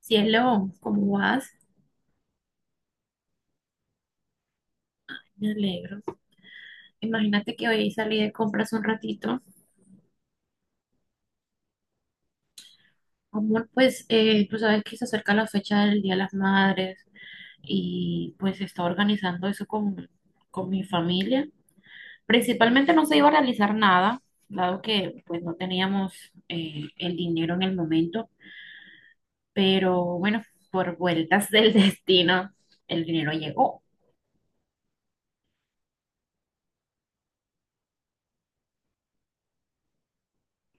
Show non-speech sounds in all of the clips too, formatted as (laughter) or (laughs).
Cielo, ¿cómo vas? Me alegro. Imagínate que hoy salí de compras un ratito. Amor, pues tú sabes que se acerca la fecha del Día de las Madres y pues se está organizando eso con mi familia. Principalmente no se iba a realizar nada, dado que pues no teníamos el dinero en el momento, pero bueno, por vueltas del (laughs) destino, el dinero llegó.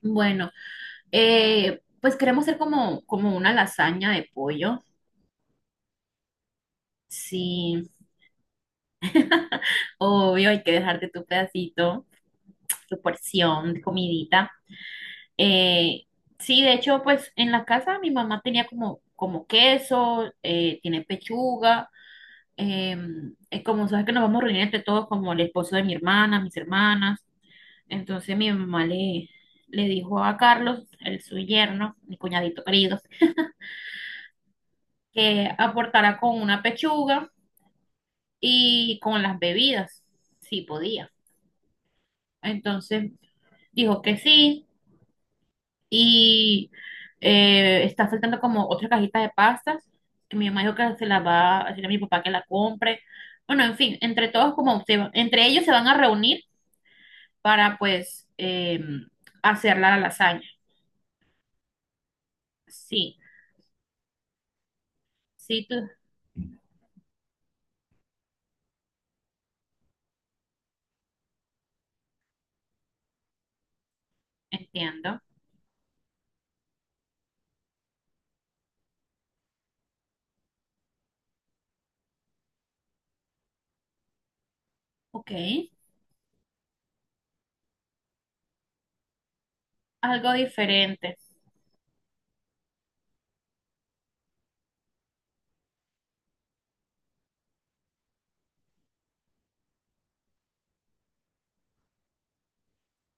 Bueno, pues queremos hacer como una lasaña de pollo. Sí. Obvio, hay que dejarte tu pedacito, tu porción de comidita. Eh, sí, de hecho, pues en la casa mi mamá tenía como queso, tiene pechuga, eh, como sabes que nos vamos a reunir entre todos, como el esposo de mi hermana, mis hermanas. Entonces mi mamá le dijo a Carlos, el su yerno, mi cuñadito querido, que aportara con una pechuga y con las bebidas, si podía. Entonces dijo que sí. Y está faltando como otra cajita de pastas, que mi mamá dijo que se la va a decir a mi papá que la compre. Bueno, en fin, entre todos como se va- entre ellos se van a reunir para pues hacer la lasaña. Sí, sí, tú entiendo. Ok, algo diferente.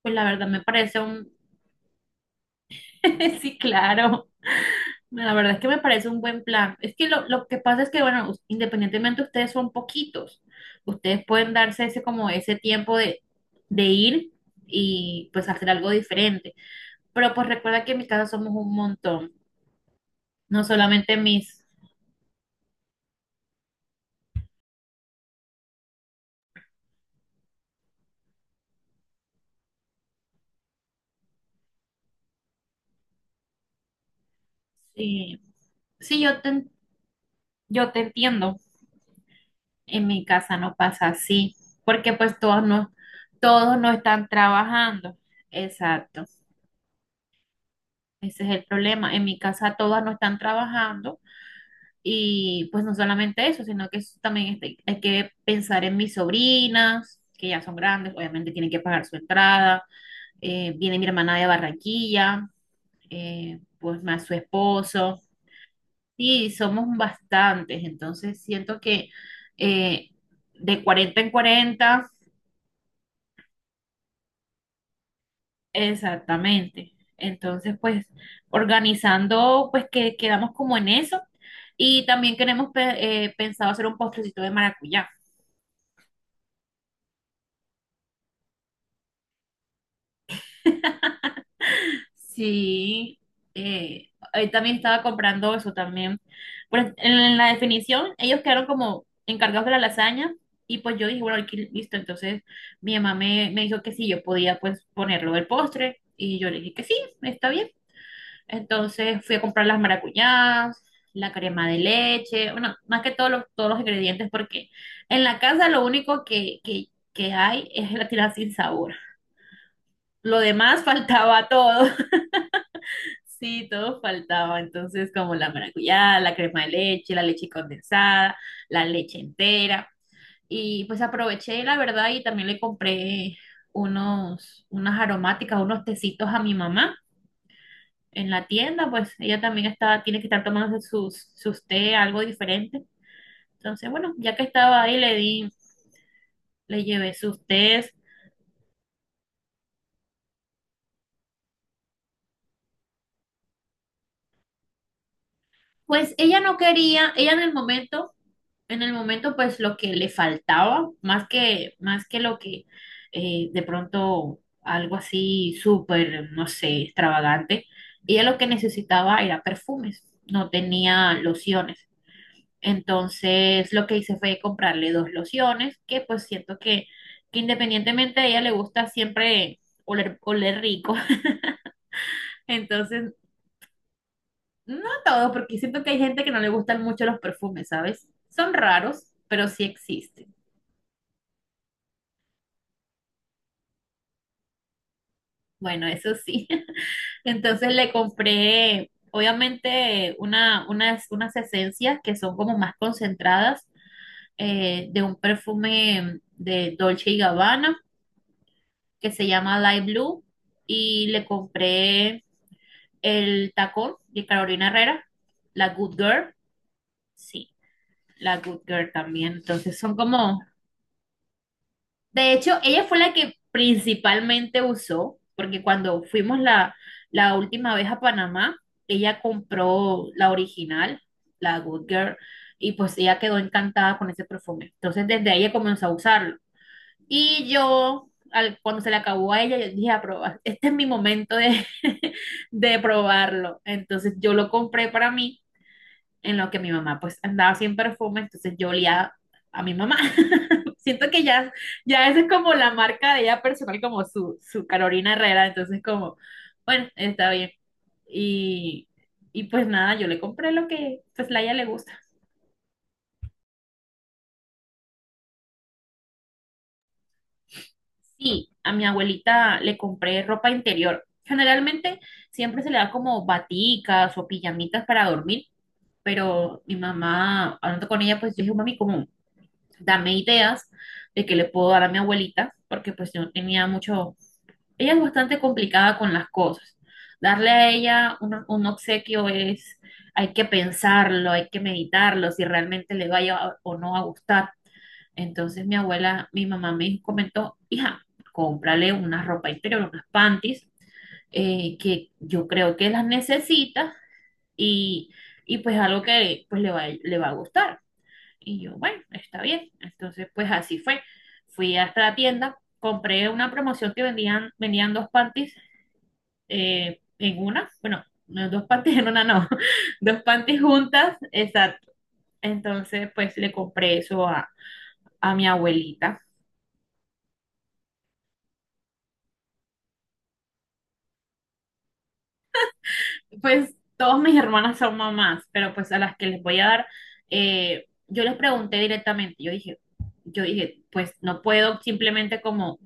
Pues la verdad me parece un... (laughs) Sí, claro. La verdad es que me parece un buen plan. Es que lo que pasa es que, bueno, independientemente ustedes son poquitos, ustedes pueden darse ese como ese tiempo de ir y pues hacer algo diferente. Pero pues recuerda que en mi casa somos un montón, no solamente mis... Sí, sí, yo te entiendo, en mi casa no pasa así, porque pues todos no están trabajando. Exacto, ese es el problema. En mi casa todas no están trabajando. Y pues no solamente eso, sino que hay que pensar en mis sobrinas, que ya son grandes, obviamente tienen que pagar su entrada. Viene mi hermana de Barranquilla, pues más su esposo. Y somos bastantes, entonces siento que eh, de 40 en 40 exactamente. Entonces, pues organizando, pues que quedamos como en eso. Y también queremos pensado hacer un postrecito de maracuyá. Sí, ahí también estaba comprando eso también. Pero en la definición, ellos quedaron como encargados de la lasaña y pues yo dije, bueno, aquí listo. Entonces mi mamá me dijo que sí, yo podía pues ponerlo del postre y yo le dije que sí, está bien. Entonces fui a comprar las maracuyás, la crema de leche, bueno, más que todos los ingredientes porque en la casa lo único que hay es gelatina sin sabor. Lo demás (laughs) faltaba todo. Sí, todo faltaba. Entonces, como la maracuyá, la crema de leche, la leche condensada, la leche entera. Y pues aproveché, la verdad, y también le compré unas aromáticas, unos tecitos a mi mamá en la tienda. Pues ella también está, tiene que estar tomando sus té, algo diferente. Entonces, bueno, ya que estaba ahí, le llevé sus tés. Pues ella no quería, ella en el momento, pues lo que le faltaba, más que lo que de pronto algo así súper, no sé, extravagante, ella lo que necesitaba era perfumes, no tenía lociones. Entonces lo que hice fue comprarle dos lociones, que pues siento que independientemente a ella le gusta siempre oler rico. (laughs) Entonces, no todo, porque siento que hay gente que no le gustan mucho los perfumes, ¿sabes? Son raros, pero sí existen. Bueno, eso sí. (laughs) Entonces le compré, obviamente, unas esencias que son como más concentradas de un perfume de Dolce y Gabbana que se llama Light Blue y le compré el tacón de Carolina Herrera, la Good Girl, sí, la Good Girl también. Entonces son como De hecho, ella fue la que principalmente usó, porque cuando fuimos la última vez a Panamá, ella compró la original, la Good Girl, y pues ella quedó encantada con ese perfume. Entonces, desde ahí ella comenzó a usarlo. Y yo, cuando se le acabó a ella, yo dije, a probar, este es mi momento (laughs) de probarlo. Entonces, yo lo compré para mí en lo que mi mamá pues andaba sin perfume, entonces yo olía a mi mamá. (laughs) Siento que ya, ya esa es como la marca de ella personal, como su Carolina Herrera, entonces como, bueno, está bien. Y, y pues nada, yo le compré lo que pues la ella le gusta. Sí, a mi abuelita le compré ropa interior. Generalmente siempre se le da como baticas o pijamitas para dormir, pero mi mamá, hablando con ella, pues yo dije, mami, como darme ideas de qué le puedo dar a mi abuelita, porque pues yo tenía mucho, ella es bastante complicada con las cosas. Darle a ella un obsequio es, hay que pensarlo, hay que meditarlo, si realmente le vaya a- o no a gustar. Entonces mi abuela, mi mamá me comentó, hija, cómprale una ropa interior, unas panties, que yo creo que las necesita y, y pues algo que pues le va a gustar. Y yo, bueno, está bien. Entonces, pues así fue. Fui hasta la tienda, compré una promoción que vendían dos panties en una, bueno, no, dos panties en una no, (laughs) dos panties juntas, exacto. Entonces, pues le compré eso a mi abuelita. Pues todas mis hermanas son mamás, pero pues a las que les voy a dar, yo les pregunté directamente, yo dije, pues no puedo simplemente como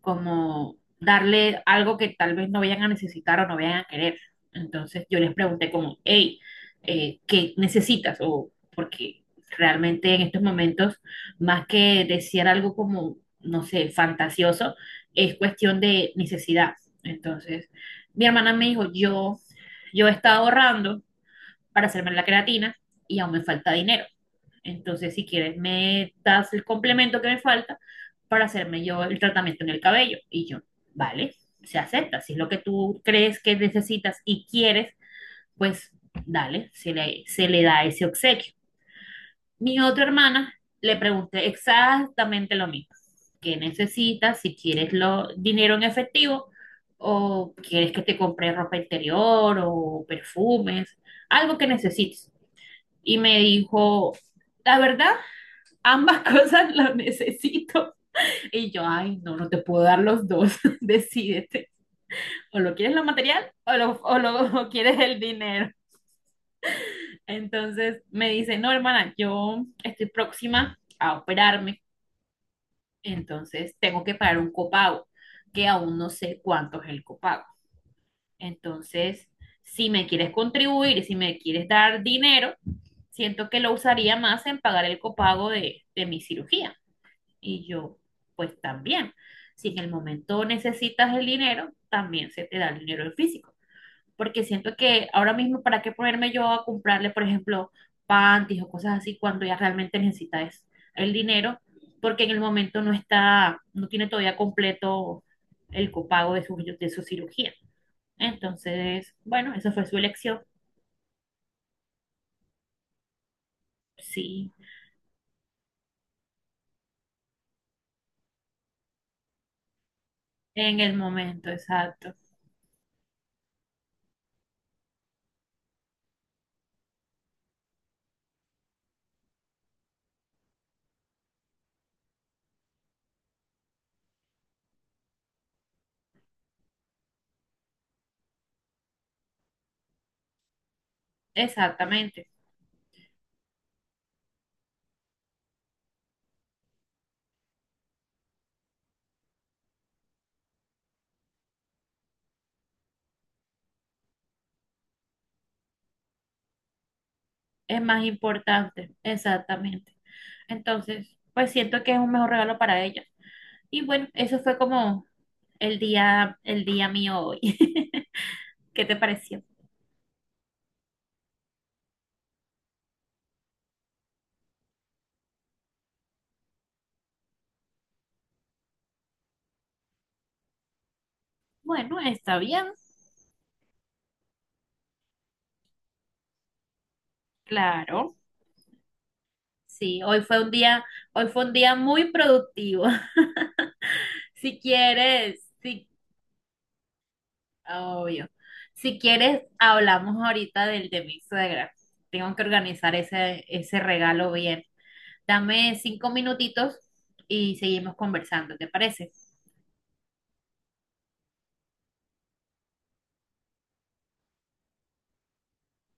como darle algo que tal vez no vayan a necesitar o no vayan a querer. Entonces yo les pregunté como, hey, ¿qué necesitas? O porque realmente en estos momentos, más que desear algo como, no sé, fantasioso, es cuestión de necesidad. Entonces, mi hermana me dijo, yo he estado ahorrando para hacerme la creatina y aún me falta dinero. Entonces, si quieres, me das el complemento que me falta para hacerme yo el tratamiento en el cabello. Y yo, vale, se acepta. Si es lo que tú crees que necesitas y quieres, pues dale, se le da ese obsequio. Mi otra hermana le pregunté exactamente lo mismo. ¿Qué necesitas? Si quieres dinero en efectivo o quieres que te compre ropa interior o perfumes, algo que necesites. Y me dijo, la verdad, ambas (laughs) cosas las necesito. Y yo, ay, no, no te puedo dar los dos. (laughs) Decídete. O lo quieres lo material o quieres el dinero. Entonces me dice, no, hermana, yo estoy próxima a operarme. Entonces tengo que pagar un copago, que aún no sé cuánto es el copago. Entonces, si me quieres contribuir, si me quieres dar dinero, siento que lo usaría más en pagar el copago de mi cirugía. Y yo, pues también, si en el momento necesitas el dinero, también se te da el dinero en físico. Porque siento que ahora mismo, ¿para qué ponerme yo a comprarle, por ejemplo, panties o cosas así cuando ella realmente necesita es el dinero? Porque en el momento no está, no tiene todavía completo el copago de de su cirugía. Entonces, bueno, esa fue su elección. Sí, en el momento, exacto. Exactamente. Es más importante, exactamente. Entonces, pues siento que es un mejor regalo para ellos. Y bueno, eso fue como el día mío hoy. (laughs) ¿Qué te pareció? Bueno, está bien, claro. Sí, hoy fue un día, hoy fue un día muy productivo. (laughs) Si quieres, sí, obvio. Si quieres, hablamos ahorita del de mi suegra. Tengo que organizar ese, ese regalo bien. Dame 5 minutitos y seguimos conversando, ¿te parece?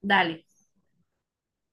Dale.